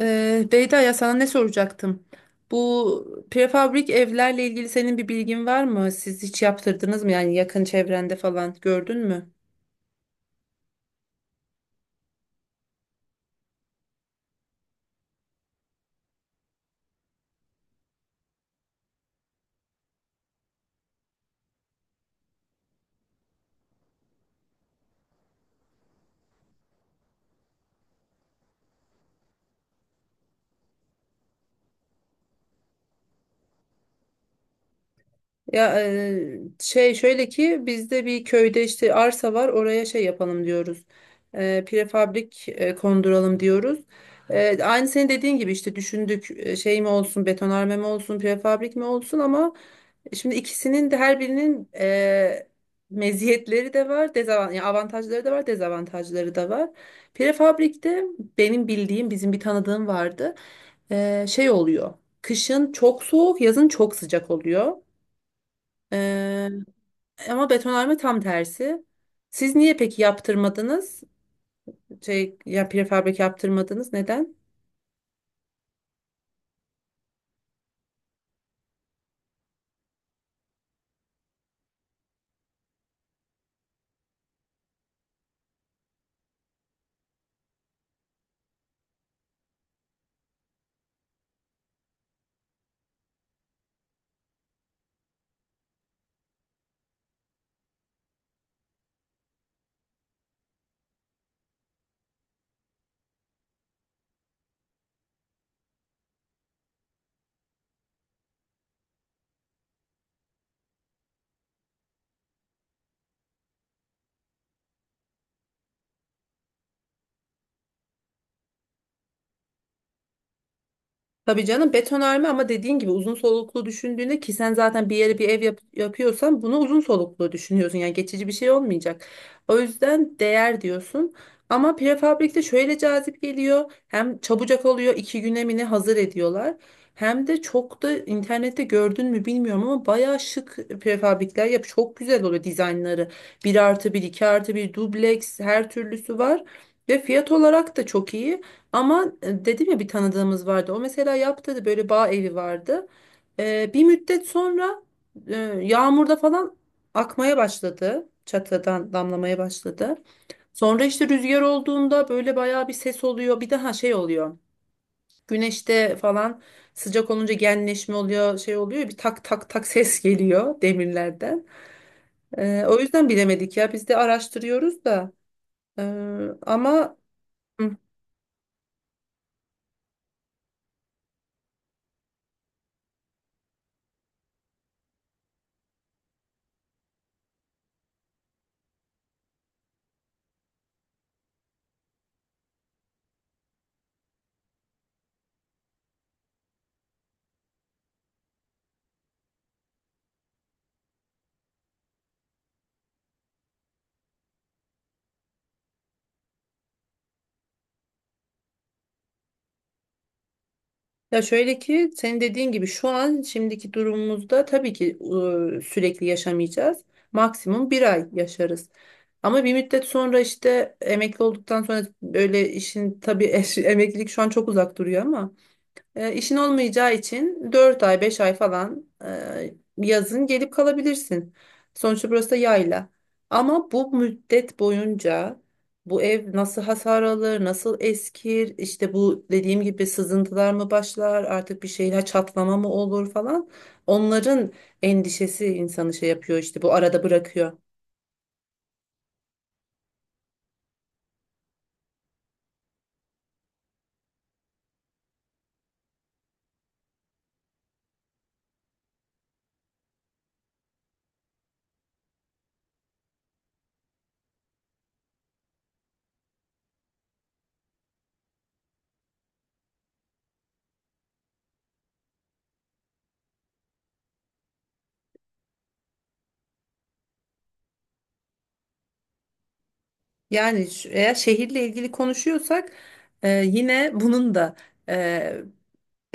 Beyda, ya sana ne soracaktım? Bu prefabrik evlerle ilgili senin bir bilgin var mı? Siz hiç yaptırdınız mı? Yani yakın çevrende falan gördün mü? Ya, şey, şöyle ki bizde bir köyde işte arsa var, oraya şey yapalım diyoruz. Prefabrik konduralım diyoruz. Aynı senin dediğin gibi işte düşündük, şey mi olsun, betonarme mi olsun, prefabrik mi olsun, ama şimdi ikisinin de, her birinin, meziyetleri de var, yani avantajları da var, dezavantajları da var. Prefabrikte benim bildiğim, bizim bir tanıdığım vardı. Şey oluyor. Kışın çok soğuk, yazın çok sıcak oluyor. Ee, ama betonarme tam tersi. Siz niye peki yaptırmadınız? Şey, ya, prefabrik yaptırmadınız. Neden? Tabii canım, betonarme, ama dediğin gibi uzun soluklu düşündüğünde, ki sen zaten bir yere bir ev yapıyorsan bunu uzun soluklu düşünüyorsun. Yani geçici bir şey olmayacak. O yüzden değer diyorsun. Ama prefabrikte şöyle cazip geliyor. Hem çabucak oluyor, 2 güne mi ne hazır ediyorlar. Hem de çok da, internette gördün mü bilmiyorum ama bayağı şık prefabrikler yap. Çok güzel oluyor dizaynları. Bir artı bir, 2 artı bir, dubleks, her türlüsü var. Ve fiyat olarak da çok iyi. Ama, dedim ya, bir tanıdığımız vardı. O mesela yaptı, böyle bağ evi vardı. Bir müddet sonra e, yağmurda falan akmaya başladı. Çatıdan damlamaya başladı. Sonra işte rüzgar olduğunda böyle bayağı bir ses oluyor. Bir daha şey oluyor. Güneşte falan sıcak olunca genleşme oluyor, şey oluyor. Bir tak tak tak ses geliyor demirlerden. O yüzden bilemedik ya. Biz de araştırıyoruz da. E, ama Ya, şöyle ki senin dediğin gibi şu an şimdiki durumumuzda tabii ki sürekli yaşamayacağız. Maksimum bir ay yaşarız. Ama bir müddet sonra, işte emekli olduktan sonra, böyle işin tabii emeklilik şu an çok uzak duruyor ama işin olmayacağı için 4 ay 5 ay falan, yazın gelip kalabilirsin. Sonuçta burası da yayla. Ama bu müddet boyunca bu ev nasıl hasar alır, nasıl eskir, işte bu dediğim gibi sızıntılar mı başlar, artık bir şeyler çatlama mı olur falan. Onların endişesi insanı şey yapıyor işte, bu arada bırakıyor. Yani eğer şehirle ilgili konuşuyorsak yine bunun da e,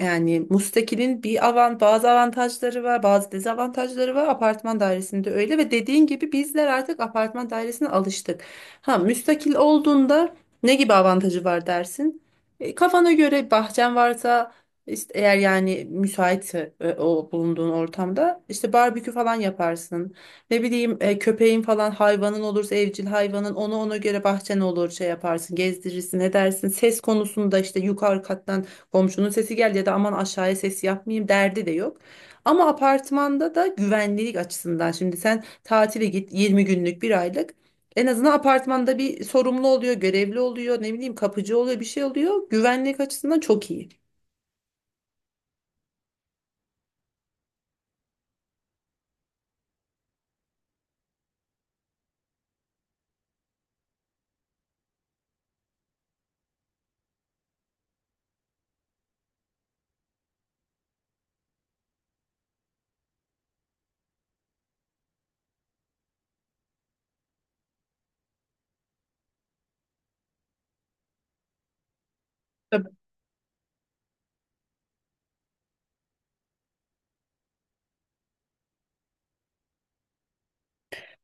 yani müstakilin bazı avantajları var, bazı dezavantajları var. Apartman dairesinde öyle, ve dediğin gibi bizler artık apartman dairesine alıştık. Ha, müstakil olduğunda ne gibi avantajı var dersin? Kafana göre bahçen varsa, işte eğer yani müsaitse, o bulunduğun ortamda işte barbekü falan yaparsın. Ne bileyim, köpeğin falan hayvanın olursa, evcil hayvanın, onu ona göre bahçen olur, şey yaparsın, gezdirirsin, edersin. Ses konusunda işte yukarı kattan komşunun sesi geldi, ya da aman aşağıya ses yapmayayım derdi de yok. Ama apartmanda da güvenlik açısından, şimdi sen tatile git 20 günlük bir aylık, en azından apartmanda bir sorumlu oluyor, görevli oluyor, ne bileyim kapıcı oluyor, bir şey oluyor. Güvenlik açısından çok iyi.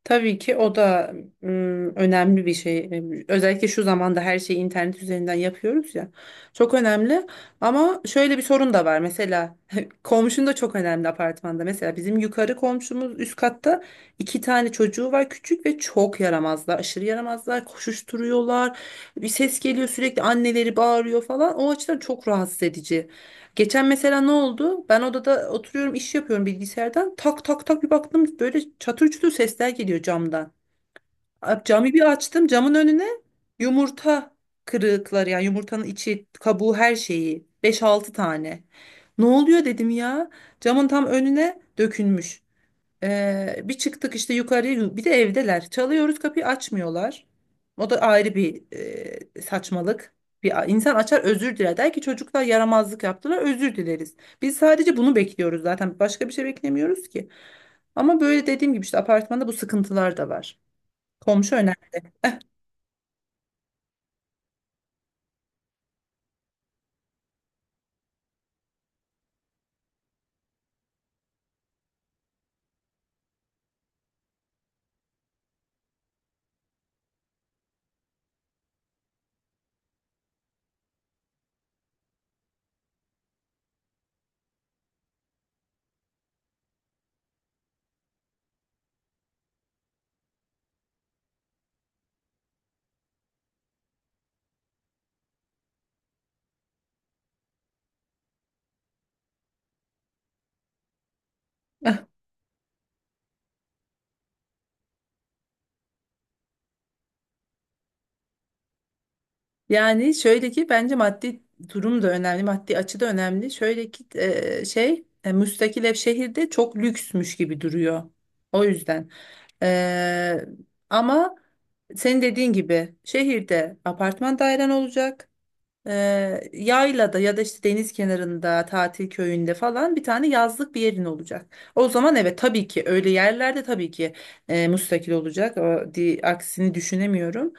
Tabii ki o da, önemli bir şey. Özellikle şu zamanda her şeyi internet üzerinden yapıyoruz ya. Çok önemli. Ama şöyle bir sorun da var. Mesela komşun da çok önemli apartmanda. Mesela bizim yukarı komşumuz, üst katta iki tane çocuğu var, küçük, ve çok yaramazlar. Aşırı yaramazlar. Koşuşturuyorlar. Bir ses geliyor sürekli, anneleri bağırıyor falan. O açıdan çok rahatsız edici. Geçen mesela ne oldu? Ben odada oturuyorum, iş yapıyorum bilgisayardan. Tak tak tak, bir baktım böyle çatır çutur sesler geliyor camdan. Camı bir açtım, camın önüne yumurta kırıkları, yani yumurtanın içi, kabuğu, her şeyi, beş altı tane. Ne oluyor dedim ya? Camın tam önüne dökülmüş. Bir çıktık işte yukarıya, bir de evdeler. Çalıyoruz, kapıyı açmıyorlar. O da ayrı bir saçmalık. Bir insan açar, özür diler. Der ki çocuklar yaramazlık yaptılar, özür dileriz. Biz sadece bunu bekliyoruz zaten. Başka bir şey beklemiyoruz ki. Ama böyle, dediğim gibi, işte apartmanda bu sıkıntılar da var. Komşu önemli. Yani şöyle ki bence maddi durum da önemli, maddi açı da önemli. Şöyle ki, şey, müstakil ev şehirde çok lüksmüş gibi duruyor. O yüzden. E, ama senin dediğin gibi şehirde apartman dairen olacak. E, Yaylada ya da işte deniz kenarında, tatil köyünde falan bir tane yazlık bir yerin olacak. O zaman evet, tabii ki, öyle yerlerde tabii ki müstakil olacak. O, aksini düşünemiyorum.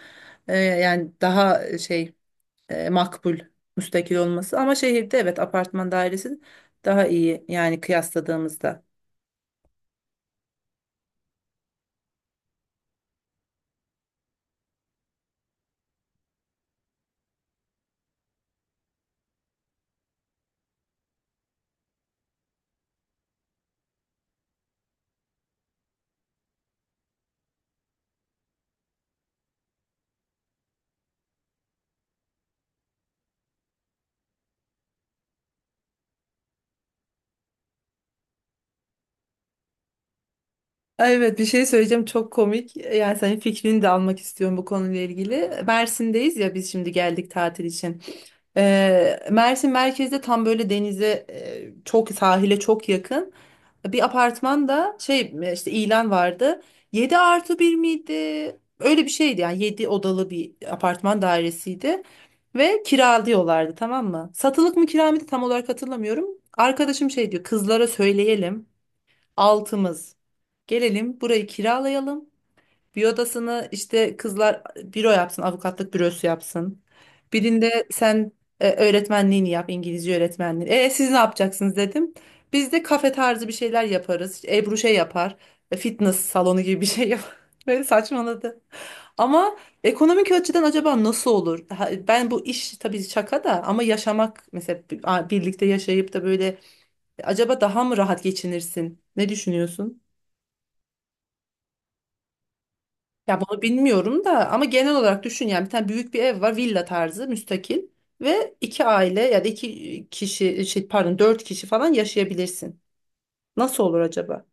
Yani daha şey, makbul müstakil olması, ama şehirde evet, apartman dairesi daha iyi yani kıyasladığımızda. Ay, evet, bir şey söyleyeceğim, çok komik. Yani senin fikrini de almak istiyorum bu konuyla ilgili. Mersin'deyiz ya, biz şimdi geldik tatil için. Mersin merkezde tam böyle, çok sahile çok yakın bir apartmanda, şey, işte ilan vardı. 7+1 miydi? Öyle bir şeydi, yani 7 odalı bir apartman dairesiydi. Ve kiralıyorlardı, tamam mı? Satılık mı, kira mıydı, tam olarak hatırlamıyorum. Arkadaşım şey diyor, kızlara söyleyelim. Altımız. Gelelim, burayı kiralayalım. Bir odasını işte kızlar büro yapsın, avukatlık bürosu yapsın. Birinde sen öğretmenliğini yap, İngilizce öğretmenliği. E siz ne yapacaksınız dedim. Biz de kafe tarzı bir şeyler yaparız. İşte Ebru şey yapar, fitness salonu gibi bir şey yapar. Böyle saçmaladı. Ama ekonomik açıdan acaba nasıl olur? Ha, ben, bu iş tabii şaka da ama, yaşamak mesela, birlikte yaşayıp da böyle, acaba daha mı rahat geçinirsin? Ne düşünüyorsun? Ya bunu bilmiyorum da ama genel olarak düşün, yani bir tane büyük bir ev var, villa tarzı, müstakil, ve iki aile ya da iki kişi, şey, pardon, dört kişi falan yaşayabilirsin. Nasıl olur acaba?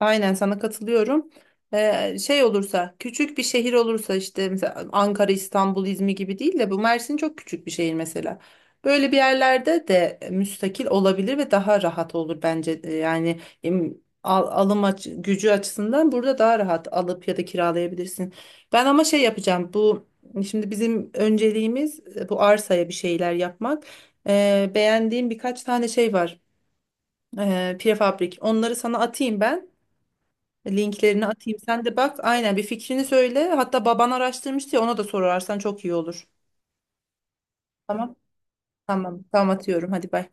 Aynen, sana katılıyorum. Şey olursa, küçük bir şehir olursa, işte mesela Ankara, İstanbul, İzmir gibi değil de, bu Mersin çok küçük bir şehir mesela. Böyle bir yerlerde de müstakil olabilir ve daha rahat olur bence. Yani alım gücü açısından burada daha rahat alıp ya da kiralayabilirsin. Ben ama şey yapacağım bu, şimdi bizim önceliğimiz bu arsaya bir şeyler yapmak. Beğendiğim birkaç tane şey var. Prefabrik, onları sana atayım ben. Linklerini atayım. Sen de bak. Aynen, bir fikrini söyle. Hatta baban araştırmıştı ya, ona da sorarsan çok iyi olur. Tamam. Tamam. Tamam, atıyorum. Hadi, bay.